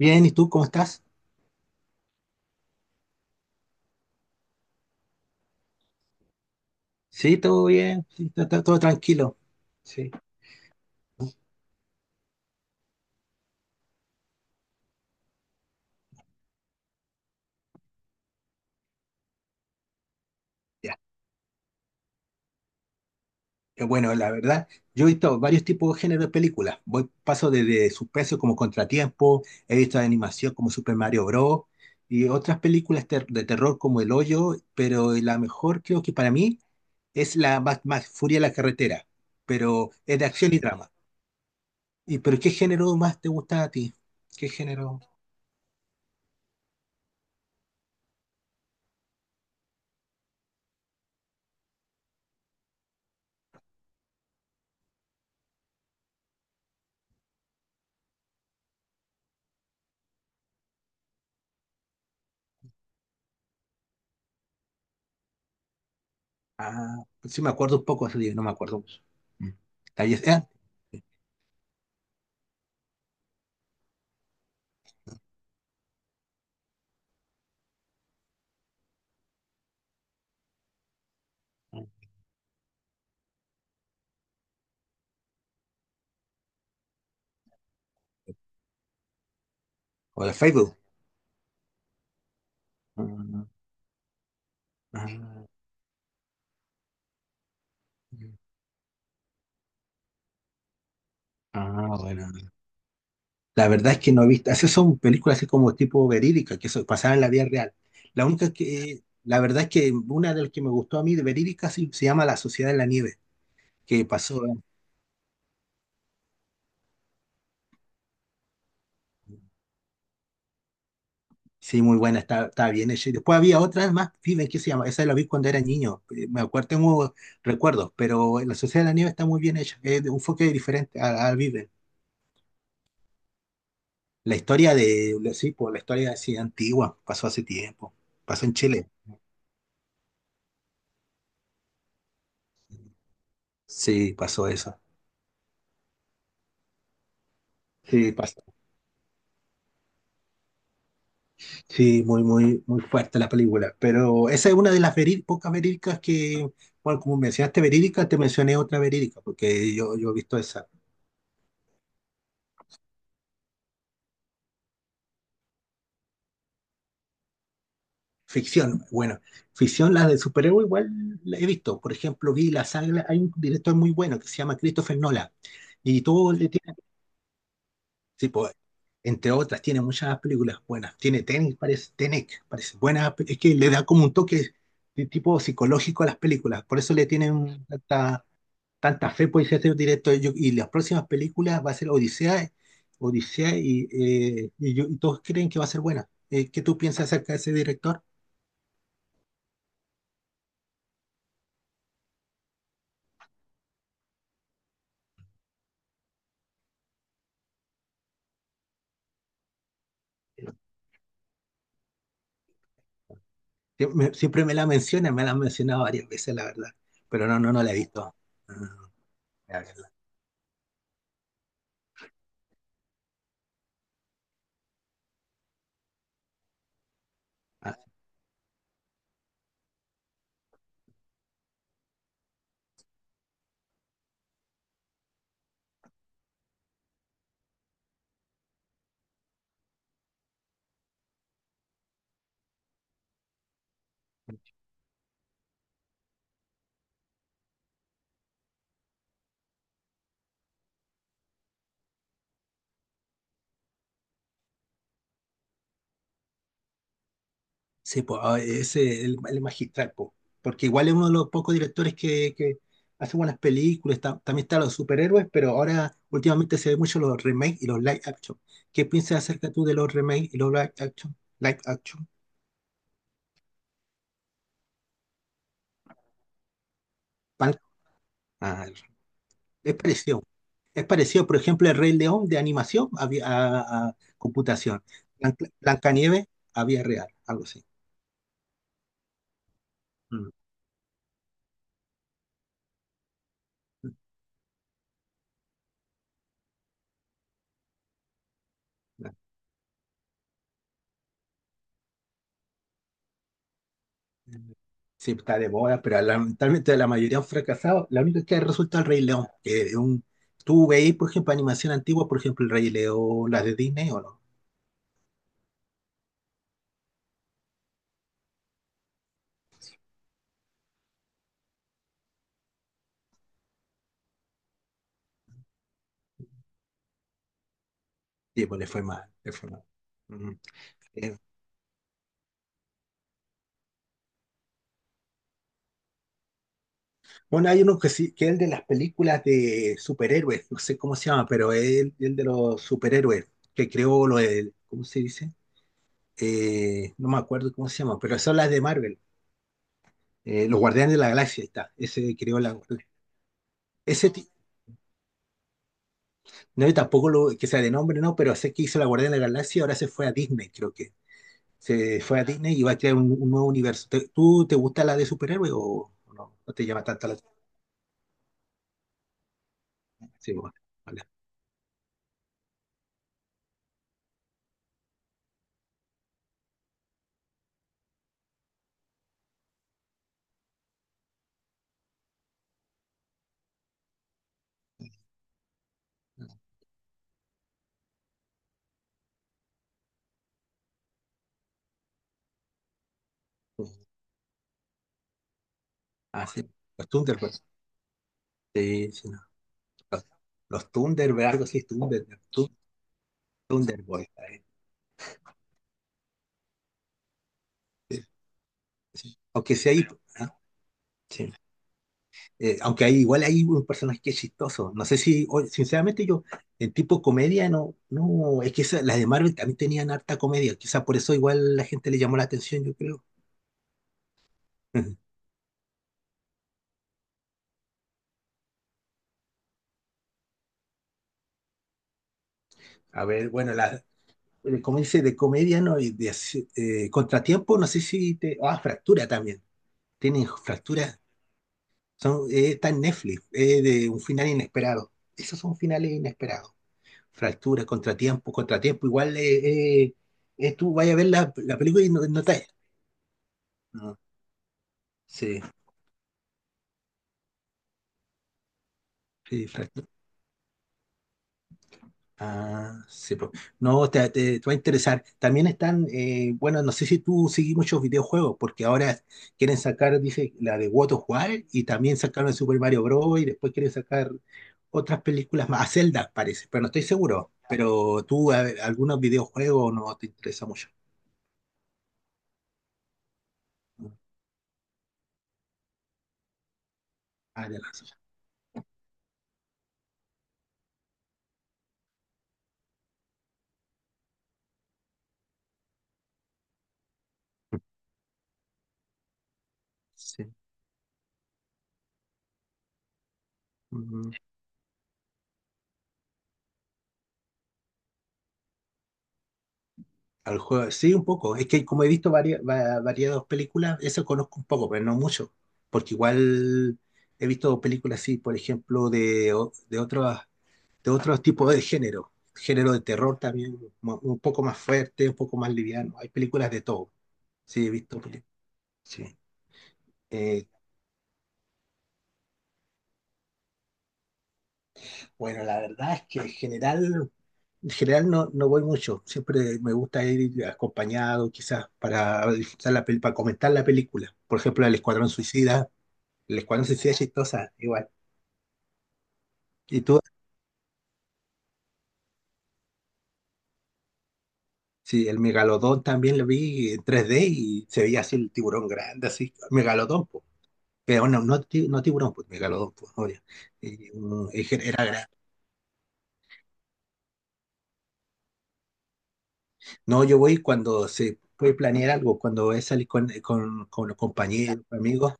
Bien, ¿y tú cómo estás? Sí, todo bien, sí, está todo tranquilo. Sí, ya. Bueno, la verdad, yo he visto varios tipos de género de películas. Voy, paso desde suspenso como Contratiempo, he visto de animación como Super Mario Bros. Y otras películas de terror como El Hoyo, pero la mejor creo que para mí es la Mad Max, Furia en la carretera, pero es de acción y drama. ¿Y pero qué género más te gusta a ti? ¿Qué género? Ah, sí me acuerdo un poco, así, no me acuerdo mucho. Mm. Ahí es- ah, O de Facebook. Ah, ah, ah, bueno. La verdad es que no he visto. Esas son películas así como tipo verídica, que pasaban en la vida real. La única que. La verdad es que una de las que me gustó a mí de verídica sí, se llama La Sociedad de la Nieve, que pasó. Sí, muy buena, está bien hecha. Y después había otras más, Fiben, ¿qué se llama? Esa la vi cuando era niño. Me acuerdo, tengo recuerdos, pero La Sociedad de la Nieve está muy bien hecha. Es de un enfoque diferente a Viven. La historia de. Sí, pues, la historia así antigua, pasó hace tiempo. Pasó en Chile. Sí, pasó eso. Sí, pasó. Sí, muy, muy, muy fuerte la película. Pero esa es una de las pocas verídicas que, bueno, como mencionaste verídica, te mencioné otra verídica, porque yo he visto esa. Ficción, bueno, ficción, la de superhéroe igual la he visto. Por ejemplo, vi la saga, hay un director muy bueno que se llama Christopher Nolan. Y todo sí, pues, entre otras, tiene muchas películas buenas. Tiene Tenet, parece buena. Es que le da como un toque de tipo psicológico a las películas. Por eso le tienen tanta, tanta fe, por ese directo. Y las próximas películas va a ser Odisea, Odisea y, y todos creen que va a ser buena. ¿Qué tú piensas acerca de ese director? Siempre me la menciona, me la han mencionado varias veces, la verdad. Pero no la he visto. No, no, no, la verdad. Sí, pues, ah, ese es el magistral, po. Porque igual es uno de los pocos directores que hace buenas películas. También están los superhéroes, pero ahora últimamente se ven mucho los remakes y los live action. ¿Qué piensas acerca tú de los remakes y los live action? Live action. Pan- ah, es parecido. Es parecido, por ejemplo, el Rey León de animación a computación. Blancanieves a vía real, algo así. Mm. Sí, está de moda, pero lamentablemente la mayoría han fracasado. La única que ha resultado el Rey León. Que es un, ¿tú veis, por ejemplo, animación antigua, por ejemplo, el Rey León, las de Disney o no? Sí, pues le fue mal, le fue mal. Ujú. Eh, bueno, hay uno que sí, que es el de las películas de superhéroes, no sé cómo se llama, pero es el de los superhéroes, que creó lo del, ¿cómo se dice? No me acuerdo cómo se llama, pero son las de Marvel, los Guardianes de la Galaxia, ahí está, ese creó la... Ese, ti- No, y tampoco lo, que sea de nombre, no, pero sé que hizo La Guardia de la Galaxia, ahora se fue a Disney, creo que. Se fue a Disney y va a crear un nuevo universo. ¿Tú te gusta la de superhéroe o no? No te llama tanto la atención. Sí, bueno, vale. Ah, sí. Los Thunderbolts. Sí, sí, no. Los, los Thunderbolts, algo así, Thu- Thunderbolts. Sí, sí. Aunque sí hay. Ah, sí. Aunque hay, igual hay un personaje que es chistoso. No sé si, sinceramente yo, en tipo comedia, no, no, es que las de Marvel también tenían harta comedia. Quizá por eso igual la gente le llamó la atención, yo creo. A ver, bueno, la, como dice, de comedia, ¿no? Contratiempo, no sé si te... Ah, fractura también. Tienen fractura. Son, está en Netflix, de un final inesperado. Esos son finales inesperados. Fractura, contratiempo, contratiempo. Igual tú vayas a ver la película y no, no te... Sí, sí, exacto. Ah, sí, po. No, te va a interesar. También están, bueno, no sé si tú seguís muchos videojuegos, porque ahora quieren sacar, dice, la de God of War y también sacaron el Super Mario Bros. Y después quieren sacar otras películas más. A Zelda, parece, pero no estoy seguro. Pero tú, algunos videojuegos no te interesa mucho. Mm. Ah, sí. Al juego, sí, un poco. Es que como he visto varias, variadas películas, eso conozco un poco, pero no mucho. Porque igual he visto películas así, por ejemplo, de, de otros tipos de género. Género de terror también, un poco más fuerte, un poco más liviano. Hay películas de todo. Sí, he visto películas. Sí. Eh, bueno, la verdad es que en general no, no voy mucho. Siempre me gusta ir acompañado, quizás, para, disfrutar la para comentar la película. Por ejemplo, El Escuadrón Suicida les cual no se hacía chistosa, igual. Y tú, sí, el megalodón también lo vi en 3D y se veía así el tiburón grande, así, megalodón, pues. Pero no, no, no tiburón, pues, megalodón, pues, obvio. Y, mm, y era grande. No, yo voy cuando se puede planear algo, cuando voy a salir con los compañeros, amigos,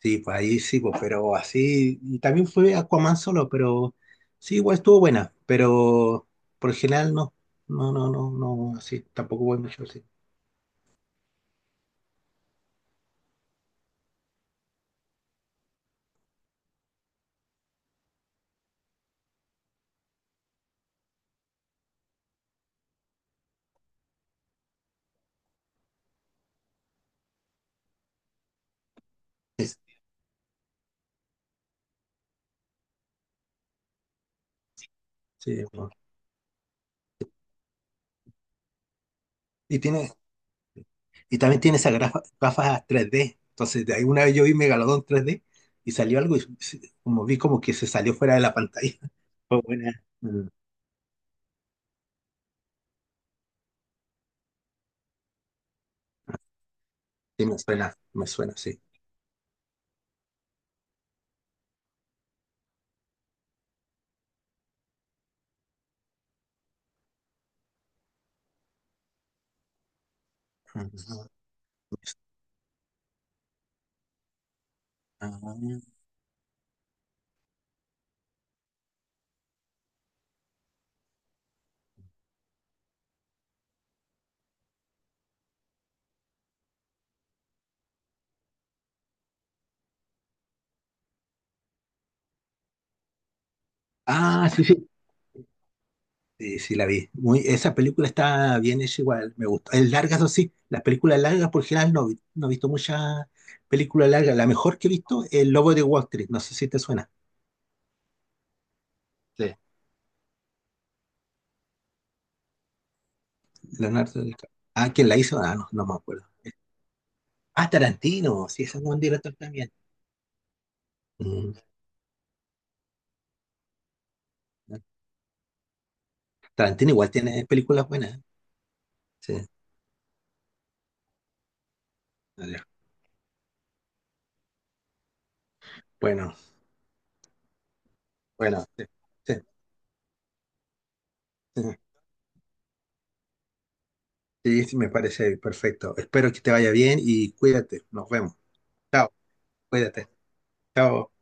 sí, pues ahí sí, pues, pero así, y también fue Aquaman solo, pero sí, igual estuvo buena, pero por el general no, así, tampoco voy mucho, sí. Sí, sí, y tiene, y también tiene esas gafas 3D. Entonces, de ahí una vez yo vi Megalodón 3D y salió algo y como vi como que se salió fuera de la pantalla. Fue buena. Mm, sí, me suena, sí. Ujú. Ah, sí, sí. Sí, sí, la vi. Muy, esa película está bien hecha igual, me gusta. Es larga, eso sí. Las películas largas, por general, no, no he visto muchas películas largas. La mejor que he visto es El Lobo de Wall Street. No sé si te suena. Sí. Leonardo DiCaprio. Ah, ¿quién la hizo? Ah, no, no me acuerdo. Ah, Tarantino, sí, ese es un buen director también. Mm. Tarantino igual tiene películas buenas. ¿Eh? Sí, vale. Bueno, bueno, sí, sí, sí, sí, sí, me parece perfecto. Espero que te vaya bien y cuídate. Nos vemos. Chao, cuídate. Chao.